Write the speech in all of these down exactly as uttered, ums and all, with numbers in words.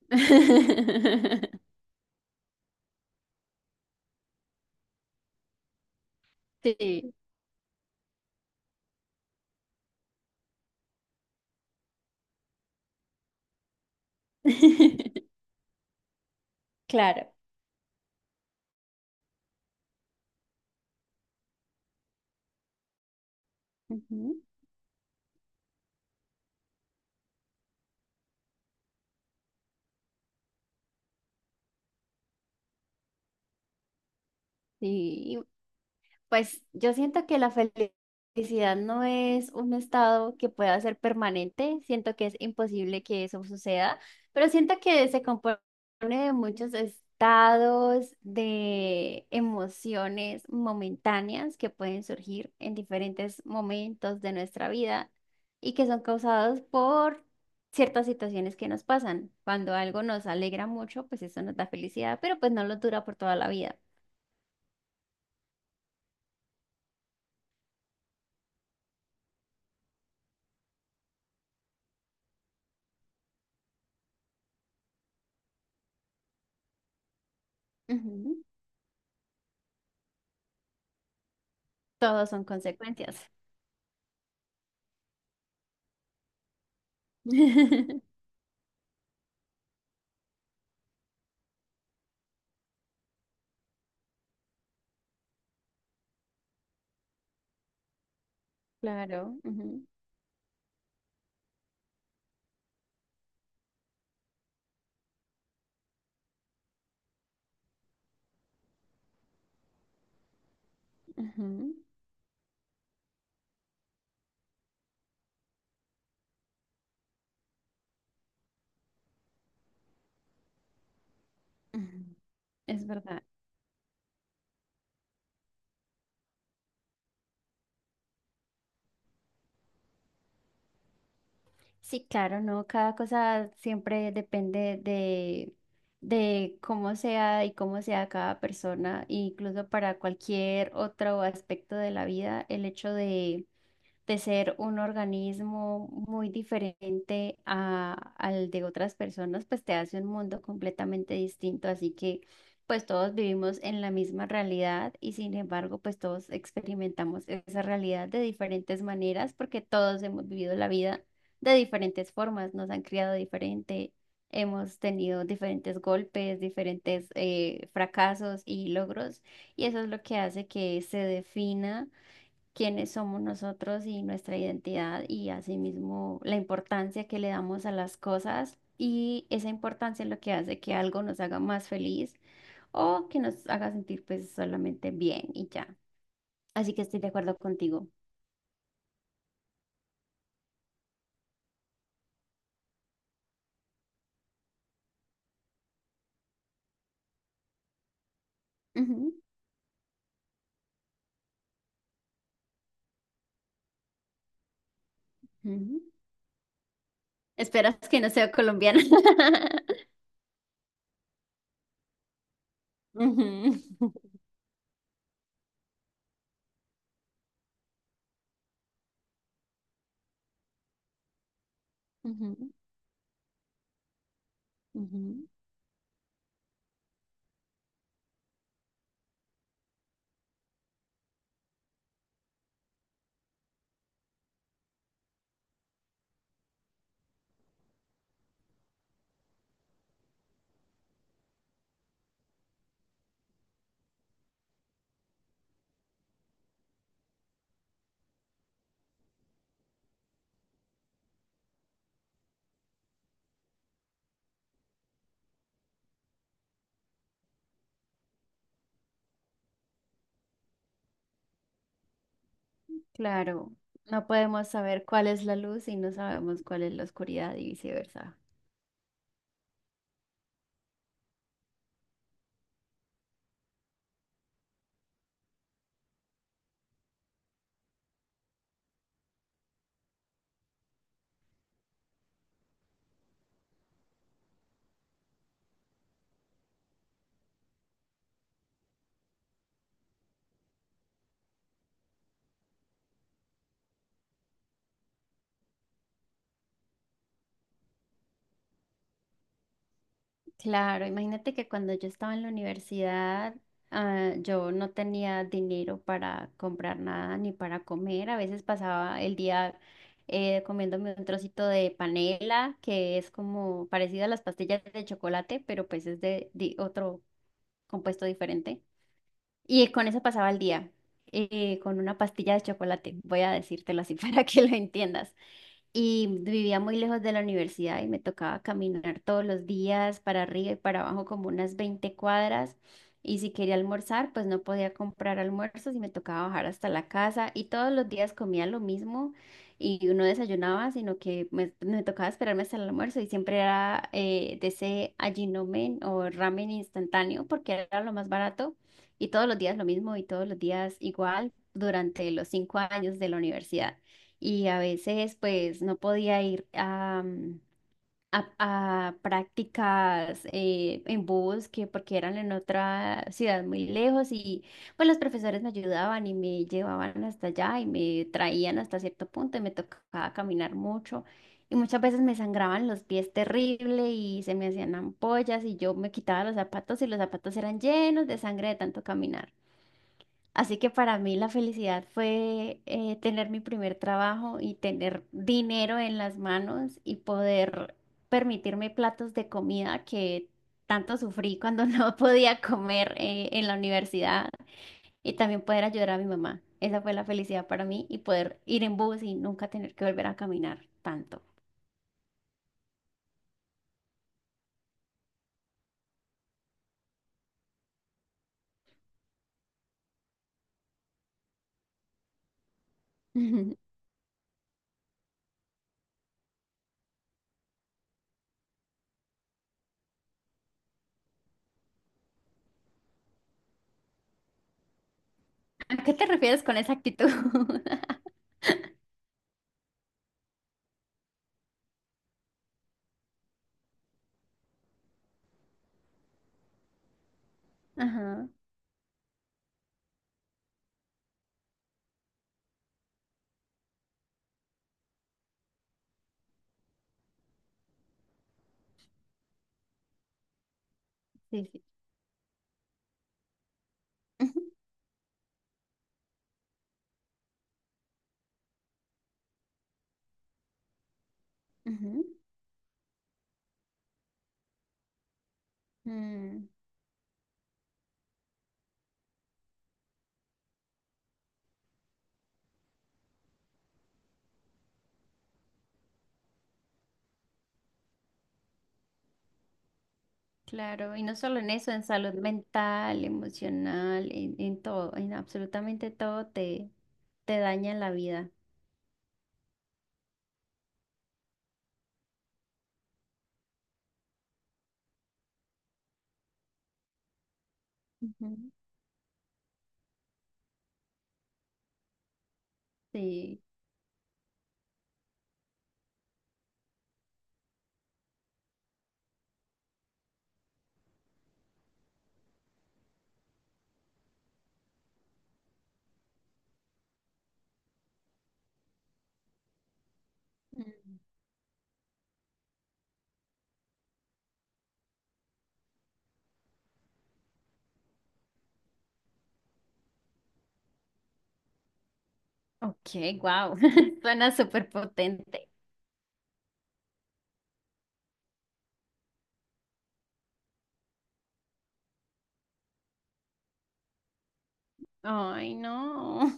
Sí, claro. Ujú. Sí, pues yo siento que la felicidad no es un estado que pueda ser permanente, siento que es imposible que eso suceda, pero siento que se compone de muchos estados de emociones momentáneas que pueden surgir en diferentes momentos de nuestra vida y que son causados por ciertas situaciones que nos pasan. Cuando algo nos alegra mucho, pues eso nos da felicidad, pero pues no lo dura por toda la vida. Ujú. Todos son consecuencias. Claro. Ujú, ujú, ujú, es verdad. Sí, claro, no, cada cosa siempre depende de, de cómo sea y cómo sea cada persona, e incluso para cualquier otro aspecto de la vida, el hecho de de ser un organismo muy diferente a- al de otras personas, pues te hace un mundo completamente distinto. Así que pues todos vivimos en la misma realidad y sin embargo pues todos experimentamos esa realidad de diferentes maneras porque todos hemos vivido la vida de diferentes formas, nos han criado diferente. Hemos tenido diferentes golpes, diferentes eh, fracasos y logros, y eso es lo que hace que se defina quiénes somos nosotros y nuestra identidad, y asimismo la importancia que le damos a las cosas, y esa importancia es lo que hace que algo nos haga más feliz o que nos haga sentir pues solamente bien y ya. Así que estoy de acuerdo contigo. Ujú, ujú. Esperas que no sea colombiana. Ujú, ujú, ujú. Claro, no podemos saber cuál es la luz y no sabemos cuál es la oscuridad y viceversa. Claro, imagínate que cuando yo estaba en la universidad, ah, yo no tenía dinero para comprar nada ni para comer. A veces pasaba el día eh, comiéndome un trocito de panela, que es como parecido a las pastillas de chocolate, pero pues es de, di- otro compuesto diferente. Y con eso pasaba el día, eh, con una pastilla de chocolate, voy a decírtelo así para que lo entiendas, y vivía muy lejos de la universidad y me tocaba caminar todos los días para arriba y para abajo como unas veinte cuadras. Y si quería almorzar, pues no podía comprar almuerzos y me tocaba bajar hasta la casa. Y todos los días comía lo mismo y no desayunaba, sino que me, me tocaba esperarme hasta el almuerzo y siempre era eh, de ese allinomen o ramen instantáneo porque era lo más barato. Y todos los días lo mismo y todos los días igual durante los cinco años de la universidad, y a veces pues no podía ir a, mm, a- a prácticas eh, en bosque porque eran en otra ciudad muy lejos y pues los profesores me ayudaban y me llevaban hasta allá y me traían hasta cierto punto y me tocaba caminar mucho. Y muchas veces me sangraban los pies terrible y se me hacían ampollas y yo me quitaba los zapatos y los zapatos eran llenos de sangre de tanto caminar. Así que para mí la felicidad fue eh, tener mi primer trabajo y tener dinero en las manos y poder permitirme platos de comida que tanto sufrí cuando no podía comer eh, en la universidad, y también poder ayudar a mi mamá. Esa fue la felicidad para mí, y poder ir en bus y nunca tener que volver a caminar tanto. Ujú. ¿A qué te refieres con esa actitud? Ajá, sí, sí. Ujú, ujú. Mm. Claro, y no solo en eso, en salud mental, emocional, en, en todo, en absolutamente todo te, te daña la vida. Ujú. Sí. Mm. Ok, wow, suena súper potente. Ay, no.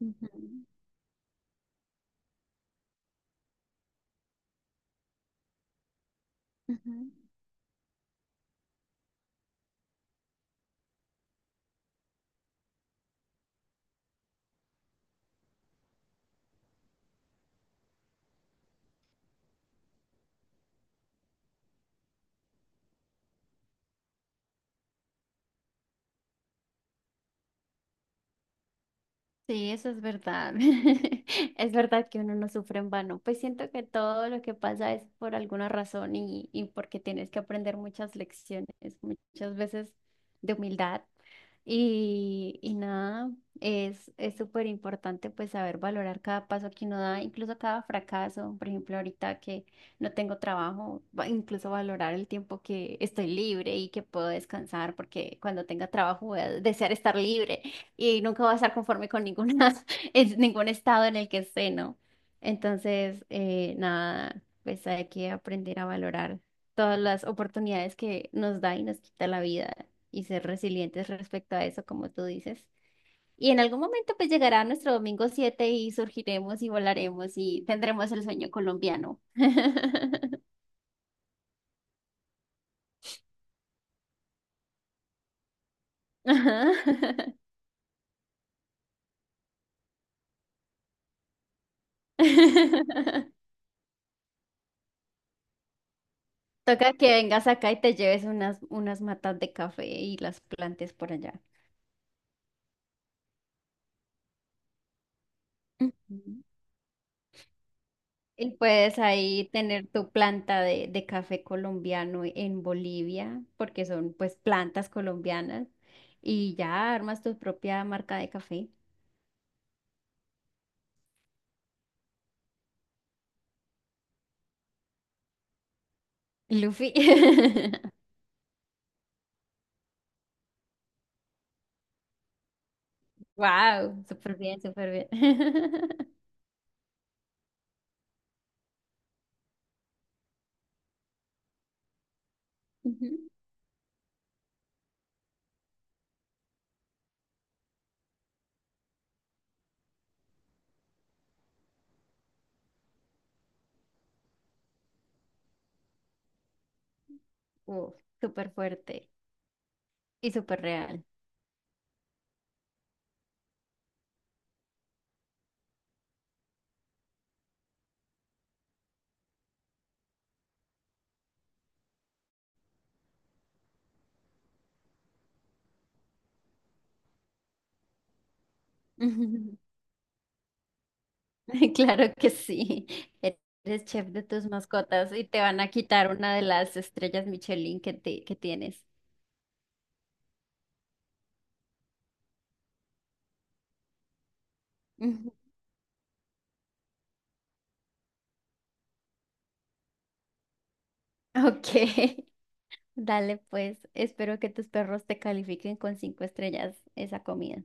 Ujú, ujú. Sí, eso es verdad. Es verdad que uno no sufre en vano. Pues siento que todo lo que pasa es por alguna razón y, y porque tienes que aprender muchas lecciones, muchas veces de humildad. Y, y nada, es es súper importante pues saber valorar cada paso que uno da, incluso cada fracaso. Por ejemplo, ahorita que no tengo trabajo, va- incluso valorar el tiempo que estoy libre y que puedo descansar, porque cuando tenga trabajo voy a desear estar libre y nunca voy a estar conforme con ninguna, es ningún estado en el que esté, ¿no? Entonces, eh, nada, pues hay que aprender a valorar todas las oportunidades que nos da y nos quita la vida, y ser resilientes respecto a eso, como tú dices. Y en algún momento pues llegará nuestro domingo siete y surgiremos y volaremos y tendremos el sueño colombiano. Ajá. Toca que vengas acá y te lleves unas, unas matas de café y las plantes por allá. Ujú. Y puedes ahí tener tu planta de, de café colombiano en Bolivia, porque son pues plantas colombianas, y ya armas tu propia marca de café. Luffy. Wow, súper bien, súper bien. Ujú. Uf, súper fuerte y súper real. Claro que sí. Eres chef de tus mascotas y te van a quitar una de las estrellas Michelin que, te, que tienes. Ujú. Ok, dale pues. Espero que tus perros te califiquen con cinco estrellas esa comida.